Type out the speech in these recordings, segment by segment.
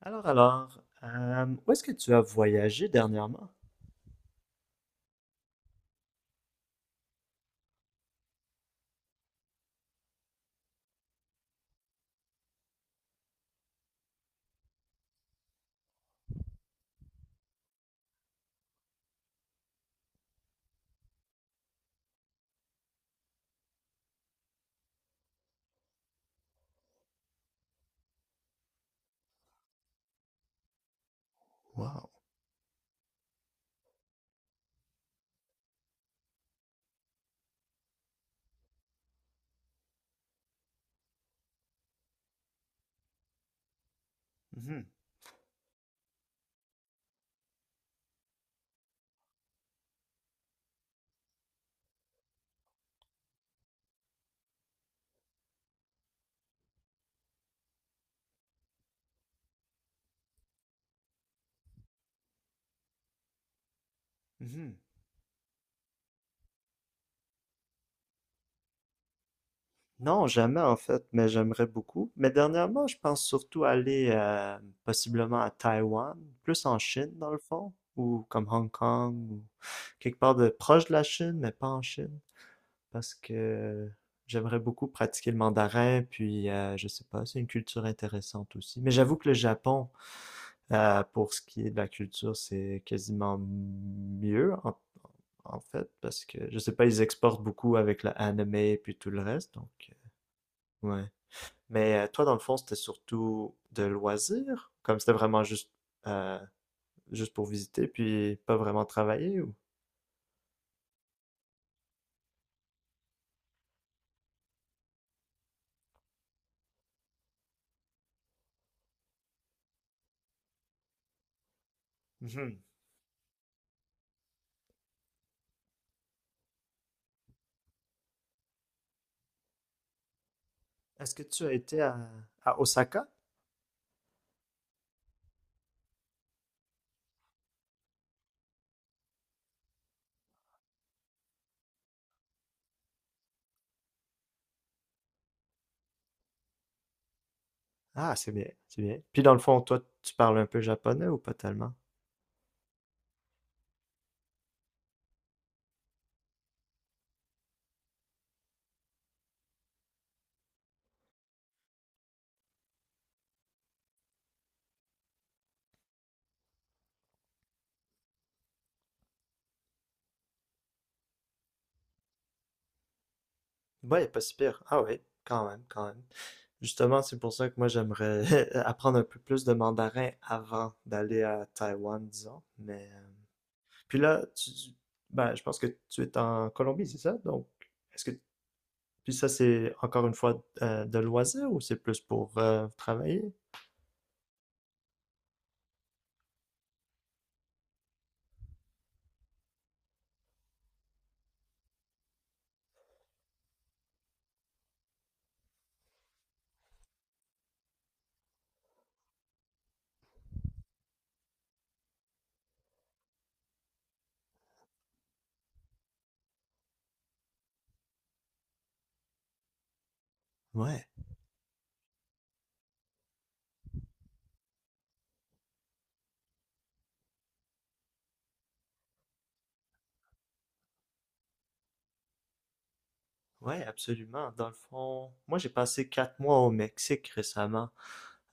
Alors, où est-ce que tu as voyagé dernièrement? Wow. Mhm, mhm. Non, jamais en fait, mais j'aimerais beaucoup. Mais dernièrement, je pense surtout aller possiblement à Taïwan, plus en Chine dans le fond, ou comme Hong Kong, ou quelque part de proche de la Chine, mais pas en Chine, parce que j'aimerais beaucoup pratiquer le mandarin, puis je sais pas, c'est une culture intéressante aussi. Mais j'avoue que le Japon, pour ce qui est de la culture, c'est quasiment mieux en fait, parce que je sais pas, ils exportent beaucoup avec la anime et puis tout le reste, donc ouais. Mais toi, dans le fond, c'était surtout de loisirs, comme c'était vraiment euh, juste pour visiter, puis pas vraiment travailler ou? Mhm. Est-ce que tu as été à Osaka? Ah, c'est bien, c'est bien. Puis dans le fond, toi, tu parles un peu japonais ou pas tellement? Ouais, pas si pire. Ah ouais, quand même, quand même. Justement, c'est pour ça que moi, j'aimerais apprendre un peu plus de mandarin avant d'aller à Taïwan, disons. Mais puis là, ben, je pense que tu es en Colombie, c'est ça? Donc, est-ce que puis ça, c'est encore une fois de loisir ou c'est plus pour travailler? Ouais. Ouais, absolument. Dans le fond, moi j'ai passé 4 mois au Mexique récemment,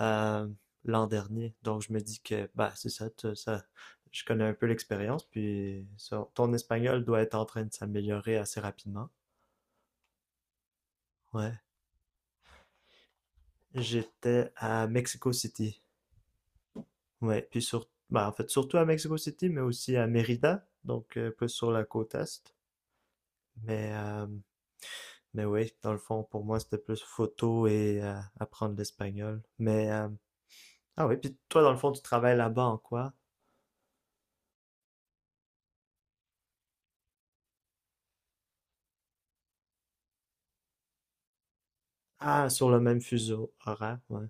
euh, l'an dernier. Donc je me dis que bah c'est ça, ça, je connais un peu l'expérience. Puis ton espagnol doit être en train de s'améliorer assez rapidement. Ouais. J'étais à Mexico City. Ouais. Puis bah en fait surtout à Mexico City, mais aussi à Mérida, donc plus sur la côte est. Mais euh, mais oui, dans le fond pour moi c'était plus photo et apprendre l'espagnol. Ah oui, puis toi, dans le fond, tu travailles là-bas en quoi? Ah, sur le même fuseau horaire, ouais.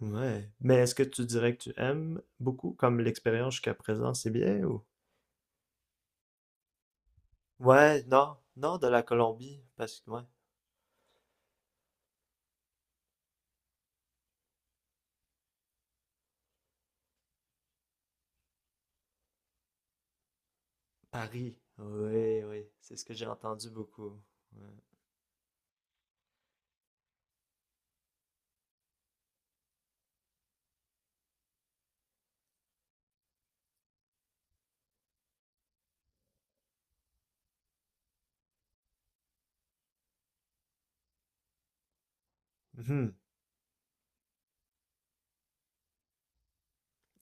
Ouais. Mais est-ce que tu dirais que tu aimes beaucoup, comme l'expérience jusqu'à présent, c'est bien ou? Ouais, non, non, de la Colombie, parce que, ouais. Paris. Oui, oui, c'est ce que j'ai entendu beaucoup. Oui,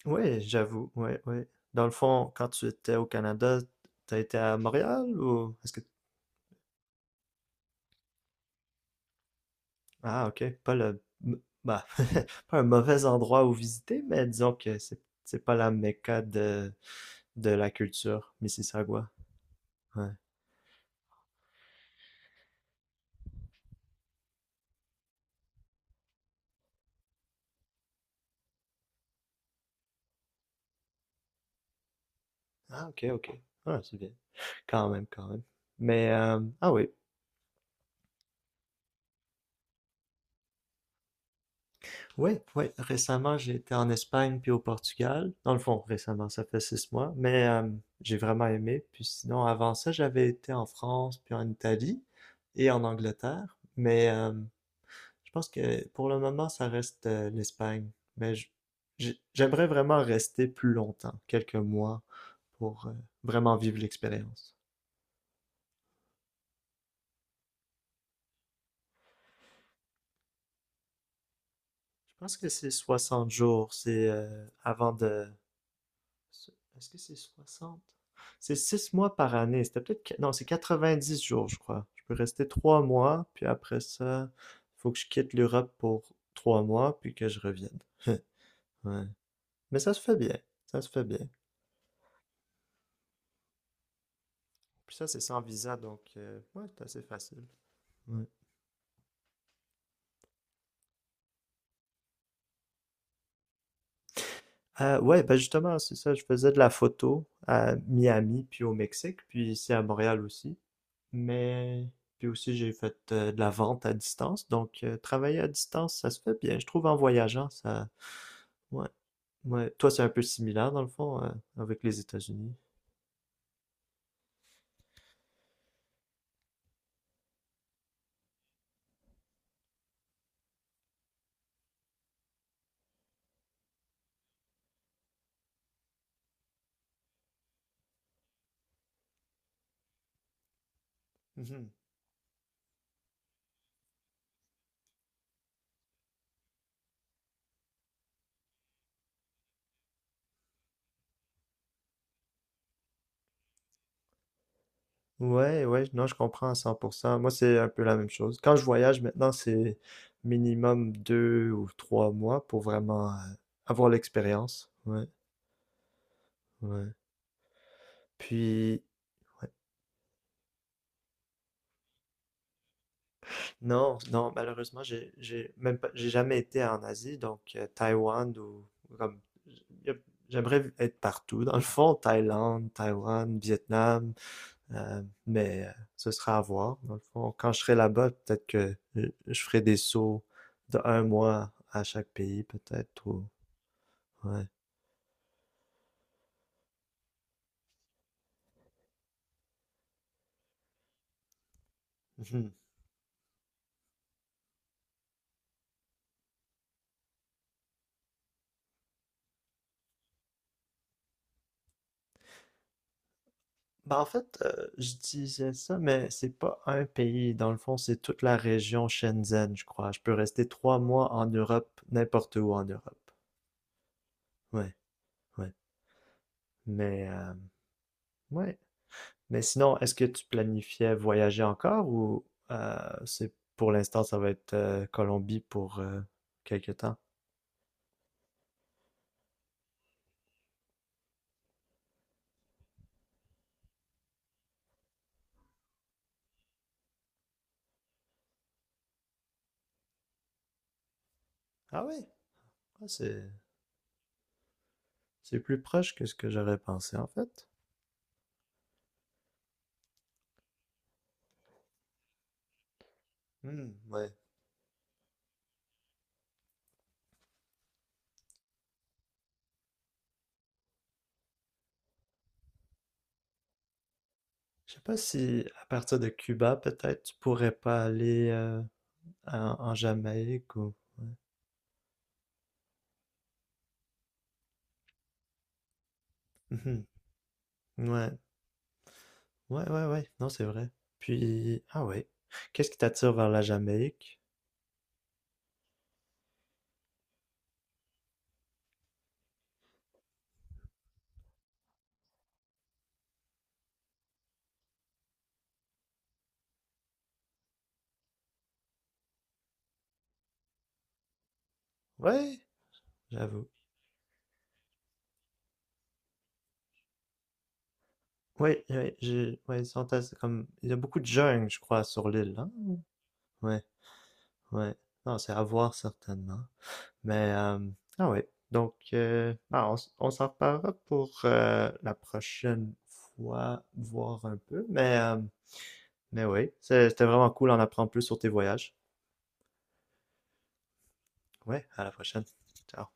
ouais, oui, j'avoue, ouais, ouais. Dans le fond, quand tu étais au Canada, t'as été à Montréal ou est-ce que Ah, ok. Pas le, m- bah, pas un mauvais endroit où visiter, mais disons que c'est pas la Mecca de la culture, Mississauga. Ouais. Ah, ok, ok. Ah, c'est bien. Quand même, quand même. Ah oui. Oui, oui. Récemment, j'ai été en Espagne puis au Portugal. Dans le fond, récemment, ça fait 6 mois. Mais j'ai vraiment aimé. Puis sinon, avant ça, j'avais été en France puis en Italie et en Angleterre. Mais je pense que pour le moment, ça reste l'Espagne, mais j'aimerais vraiment rester plus longtemps, quelques mois, pour vraiment vivre l'expérience. Je pense que c'est 60 jours, c'est avant de. Est-ce que c'est 60? C'est 6 mois par année, c'était peut-être. Non, c'est 90 jours, je crois. Je peux rester 3 mois, puis après ça, faut que je quitte l'Europe pour 3 mois, puis que je revienne. Ouais. Mais ça se fait bien, ça se fait bien. Puis ça, c'est sans visa, donc ouais, c'est assez facile. Ouais. Ouais, ben justement, c'est ça, je faisais de la photo à Miami, puis au Mexique, puis ici à Montréal aussi. Mais puis aussi, j'ai fait de la vente à distance, donc travailler à distance, ça se fait bien. Je trouve en voyageant, ça. Ouais, ouais. Toi, c'est un peu similaire, dans le fond, avec les États-Unis. Ouais, ouais, non, je comprends à 100%. Moi, c'est un peu la même chose. Quand je voyage maintenant, c'est minimum 2 ou 3 mois pour vraiment avoir l'expérience. Ouais, ouais. Puis, non, non, malheureusement, j'ai même pas, j'ai jamais été en Asie, donc Taïwan ou comme, y a- j'aimerais être partout. Dans le fond, Thaïlande, Taïwan, Vietnam. Mais ce sera à voir. Dans le fond, quand je serai là-bas, peut-être que je ferai des sauts de 1 mois à chaque pays, peut-être. Ou. Ouais. Mhm. Ben, en fait, je disais ça, mais c'est pas un pays. Dans le fond, c'est toute la région Shenzhen, je crois. Je peux rester trois mois en Europe, n'importe où en Europe. Ouais, ouais. Mais, ouais. Mais sinon, est-ce que tu planifiais voyager encore ou euh, c'est pour l'instant, ça va être Colombie pour quelques temps? Ah ouais, ah, c'est plus proche que ce que j'aurais pensé en fait. Hmm, ouais. Je sais pas si à partir de Cuba, peut-être tu pourrais pas aller en Jamaïque ou. Mhm. Ouais, ouais, ouais, ouais. Non, c'est vrai. Puis, ah ouais. Qu'est-ce qui t'attire vers la Jamaïque? Ouais, j'avoue. Ouais, ouais, ouais, ils sont assez comme, il y a beaucoup de jeunes, je crois, sur l'île, hein? Ouais, ouais. Non, c'est à voir certainement. Mais, ah ouais. Donc, ah, on s'en reparlera pour la prochaine fois, voir un peu. Mais oui, c'était vraiment cool d'en apprendre plus sur tes voyages. Ouais, à la prochaine. Ciao.